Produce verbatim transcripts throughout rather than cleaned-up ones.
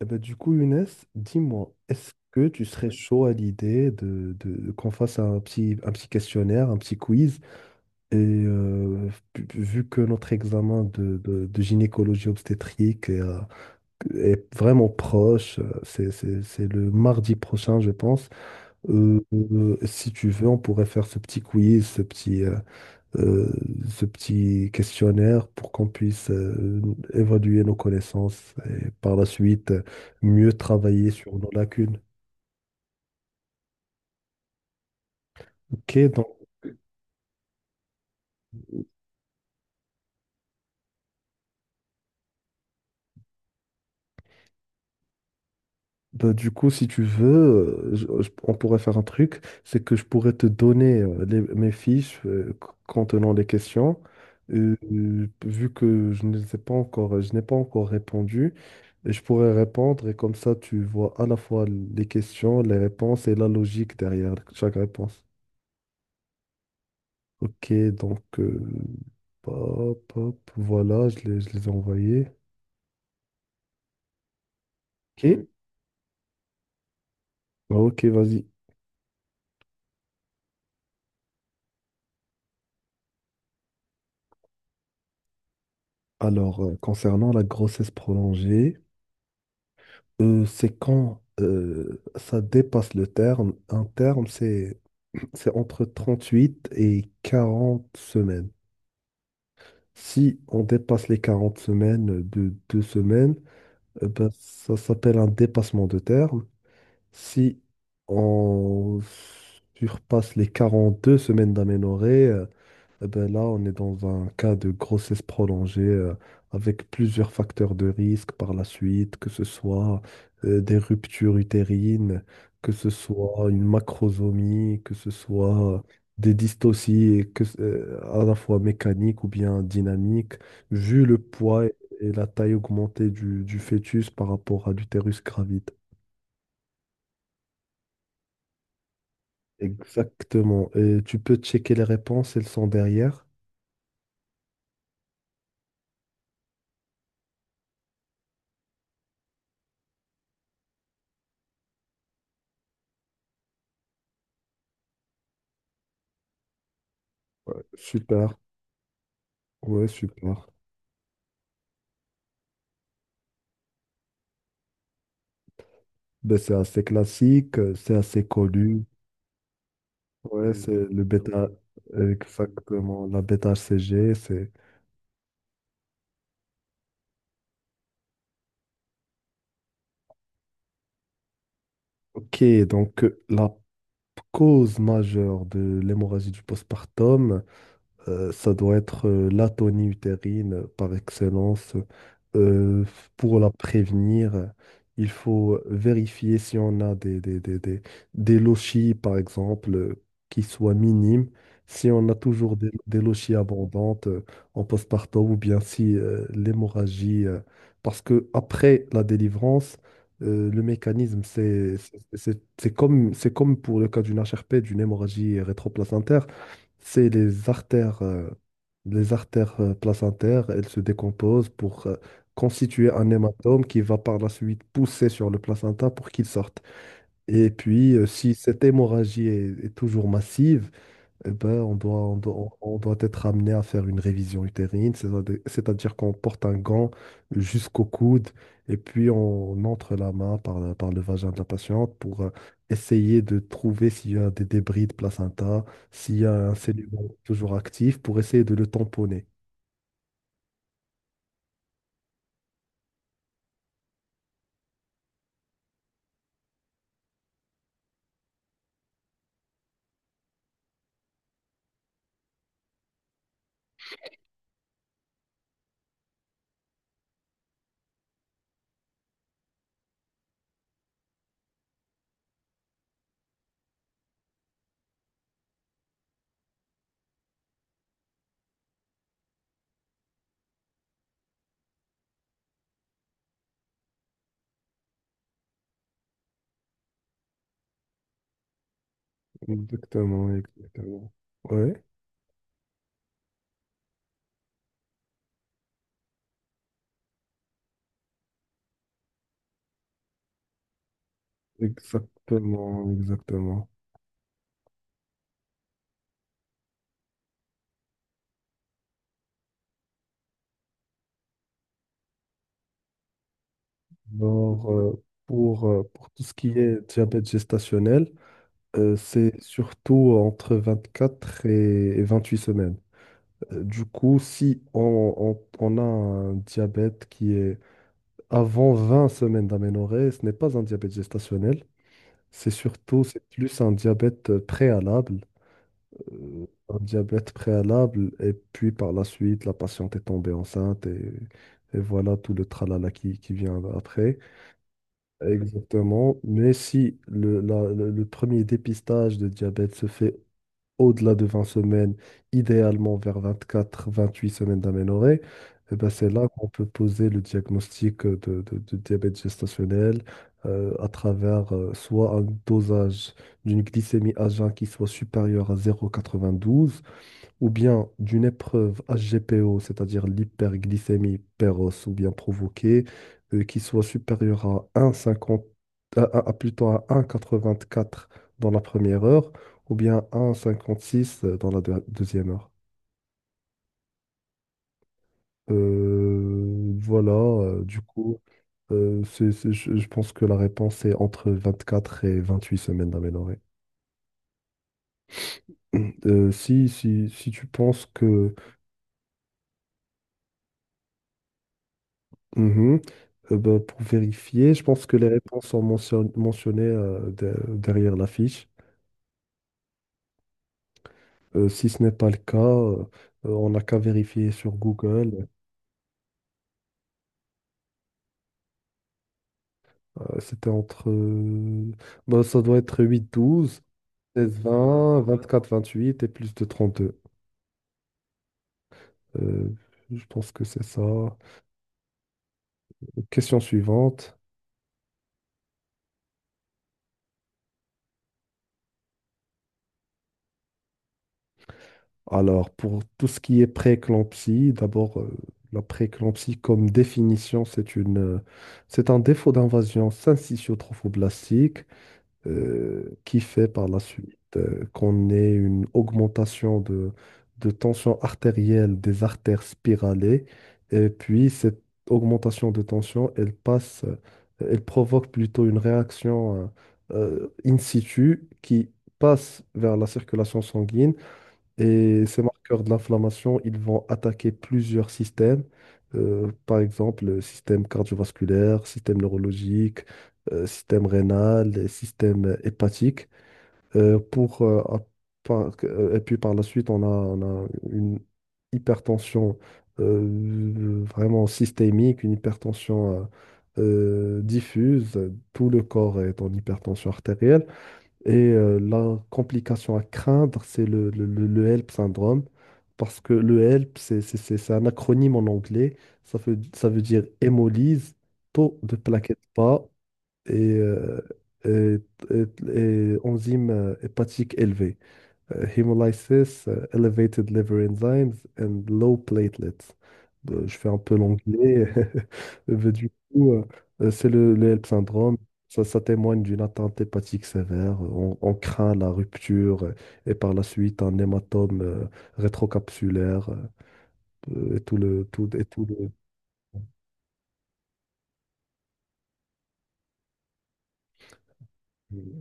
Eh ben, du coup, Younes, dis-moi, est-ce que tu serais Oui. chaud à l'idée de, de- qu'on fasse un petit, un petit questionnaire, un petit quiz? Et euh, vu vu que notre examen de, de- de gynécologie obstétrique est, euh, est vraiment proche, euh, c'est, c'est- c'est le mardi prochain, je pense. Euh, euh, si tu veux, on pourrait faire ce petit quiz, ce petit, euh, euh, ce petit questionnaire pour qu'on puisse euh, évaluer nos connaissances et par la suite euh, mieux travailler sur nos lacunes. Ok, donc bah, du coup, si tu veux, euh, je- je- on pourrait faire un truc, c'est que je pourrais te donner euh, les- mes fiches euh, c- contenant les questions. Euh, euh, vu que je ne sais pas encore, je n'ai pas encore répondu, et je pourrais répondre, et comme ça tu vois à la fois les questions, les réponses et la logique derrière chaque réponse. Ok, donc euh, hop, hop, voilà, je les, je les ai envoyés. Ok. Ah, ok, vas-y. Alors, euh, concernant la grossesse prolongée, euh, c'est quand euh, ça dépasse le terme. Un terme, c'est c'est entre trente-huit et quarante semaines. Si on dépasse les quarante semaines euh, de deux semaines, euh, ben, ça s'appelle un dépassement de terme. Si on surpasse les quarante deux semaines d'aménorrhée, euh, eh ben là, on est dans un cas de grossesse prolongée euh, avec plusieurs facteurs de risque par la suite, que ce soit euh, des ruptures utérines, que ce soit une macrosomie, que ce soit euh, des dystocies que, ce- euh, à la fois mécaniques ou bien dynamiques. Vu le poids et et la taille augmentée du, du fœtus par rapport à l'utérus gravite. Exactement. Et tu peux checker les réponses, elles sont derrière. Ouais, super. Ouais, super. Ben, c'est assez classique, euh, c'est assez connu. Ouais. Mm. C'est le bêta, exactement, la bêta H C G, c'est... Ok, donc euh, la cause majeure de l'hémorragie du postpartum, Euh, ça doit être euh, l'atonie utérine euh, par excellence. Euh, pour la prévenir, euh, il faut vérifier si on a des, des, des, des, des lochies, par exemple, euh, qui soient minimes. Si on a toujours des, des lochies abondantes euh, en postpartum, ou bien si euh, l'hémorragie, euh, parce que après la délivrance, euh, le mécanisme, c'est c'est- c'est- c'est comme c'est comme pour le cas d'une H R P, d'une hémorragie rétroplacentaire, c'est les artères, euh, les artères euh, placentaires, elles se décomposent pour euh, constituer un hématome qui va par la suite pousser sur le placenta pour qu'il sorte. Et puis, euh, si cette hémorragie est, est toujours massive, eh ben, on doit, on doit, on doit être amené à faire une révision utérine, c'est-à-dire c'est-à-dire qu'on porte un gant jusqu'au coude et puis on entre la main par, le- par le vagin de la patiente pour euh, essayer de trouver s'il y a des débris de placenta, s'il y a un cellulome toujours actif pour essayer de le tamponner. Exactement, exactement. Oui, exactement, exactement. Alors, euh, pour, euh, pour tout ce qui est diabète gestationnel, Euh, c'est surtout entre vingt-quatre et et vingt-huit semaines. Euh, Du coup, si on, on- on a un diabète qui est avant vingt semaines d'aménorrhée, ce n'est pas un diabète gestationnel. C'est surtout, c'est plus un diabète euh, préalable. Euh, un diabète préalable, et puis par la suite, la patiente est tombée enceinte, et, et voilà tout le tralala qui, qui vient après. Exactement. Mais si le, la- le le premier dépistage de diabète se fait au-delà de vingt semaines, idéalement vers vingt-quatre, vingt-huit semaines d'aménorrhée, eh ben, c'est là qu'on peut poser le diagnostic euh, de, de- de diabète gestationnel euh, à travers euh, soit un dosage d'une glycémie à jeun qui soit supérieure à zéro virgule quatre-vingt-douze, ou bien d'une épreuve H G P O, c'est-à-dire l'hyperglycémie précoce ou bien provoquée, euh, qui soit supérieure à un virgule cinquante, à, à- à plutôt à un virgule quatre-vingt-quatre dans la première heure, ou bien un virgule cinquante-six dans la deux- deuxième heure. Euh, voilà. Euh, du coup, euh, c'est- c'est- je, je pense que la réponse est entre vingt-quatre et vingt-huit semaines d'aménorrhée. Euh, si, si, si tu penses que... Mhm. Euh, ben, pour vérifier, je pense que les réponses sont mention- mentionnées euh, de- derrière la fiche. Euh, si ce n'est pas le cas, euh, euh, on n'a qu'à vérifier sur Google. Euh, c'était entre... euh, ben, ça doit être huit, douze, seize, vingt, vingt-quatre, vingt-huit et plus de trente-deux. Euh, je pense que c'est ça. Question suivante. Alors, pour tout ce qui est prééclampsie, d'abord, euh, la prééclampsie comme définition, c'est une, euh, c'est un défaut d'invasion syncytiotrophoblastique euh, qui fait par la suite euh, qu'on ait une augmentation de, de tension artérielle des artères spiralées. Et puis, cette augmentation de tension, elle passe, euh, elle provoque plutôt une réaction euh, euh, in situ qui passe vers la circulation sanguine, et ces marqueurs de l'inflammation, ils vont attaquer plusieurs systèmes, euh, par exemple le système cardiovasculaire, système neurologique, euh, système rénal, et système euh, hépatique. euh, pour, euh, à- par- euh, et puis par la suite, on a, on a une hypertension euh, vraiment systémique, une hypertension euh, euh, diffuse. Tout le corps est en hypertension artérielle. Et euh, la complication à craindre, c'est le, le, le- le HELP syndrome, parce que le HELP, c'est c'est- c'est- c'est un acronyme en anglais, ça veut, ça veut dire hémolyse, taux de plaquettes bas, et, euh, et, et et enzyme euh, hépatique élevé. Uh, hémolysis, uh, elevated liver enzymes and low platelets. Euh, je fais un peu l'anglais. Mais du coup, euh, euh, c'est le, le HELP syndrome. Ça, ça témoigne d'une atteinte hépatique sévère. On, on craint la rupture euh, et par la suite un hématome euh, rétrocapsulaire euh, et tout le, tout, et tout le...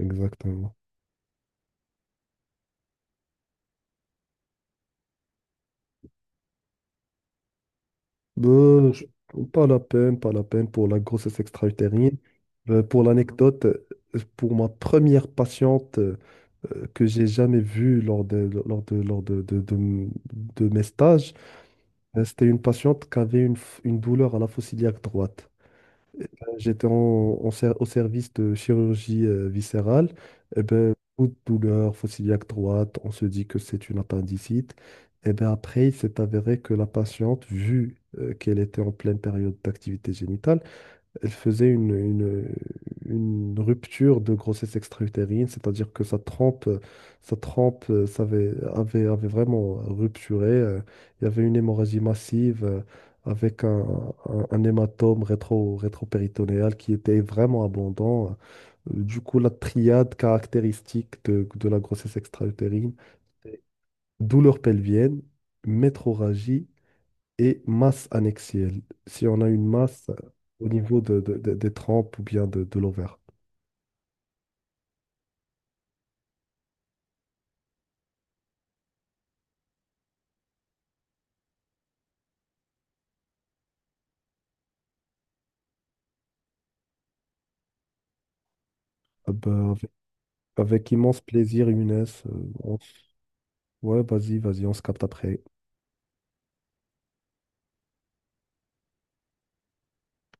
Exactement. Ben, je- Pas la peine, pas la peine pour la grossesse extra-utérine. Ben, pour l'anecdote, euh, pour ma première patiente euh, que j'ai jamais vue lors de, lors de, lors de, de, de m- de mes stages, euh, c'était une patiente qui avait une, f- une douleur à la fosse iliaque droite. J'étais en, en ser- au service de chirurgie euh, viscérale, et ben, coup de douleur fossiliaque droite, on se dit que c'est une appendicite. Et ben après, il s'est avéré que la patiente, vu euh, qu'elle était en pleine période d'activité génitale, elle faisait une, une- une rupture de grossesse extra-utérine, c'est-à-dire que sa trempe, euh, sa trempe euh, s'avait- avait, avait vraiment rupturé. euh, Il y avait une hémorragie massive euh, avec un, un- un hématome rétro, rétropéritonéal qui était vraiment abondant. Euh, Du coup, la triade caractéristique de, de la grossesse extra-utérine, c'est douleur pelvienne, métrorragie et masse annexielle. Si on a une masse euh, au niveau de- de- de des trompes ou bien de, de l'ovaire. Ah bah, avec, avec immense plaisir, Younes. euh, on s- Ouais, vas-y, vas-y, on se capte après.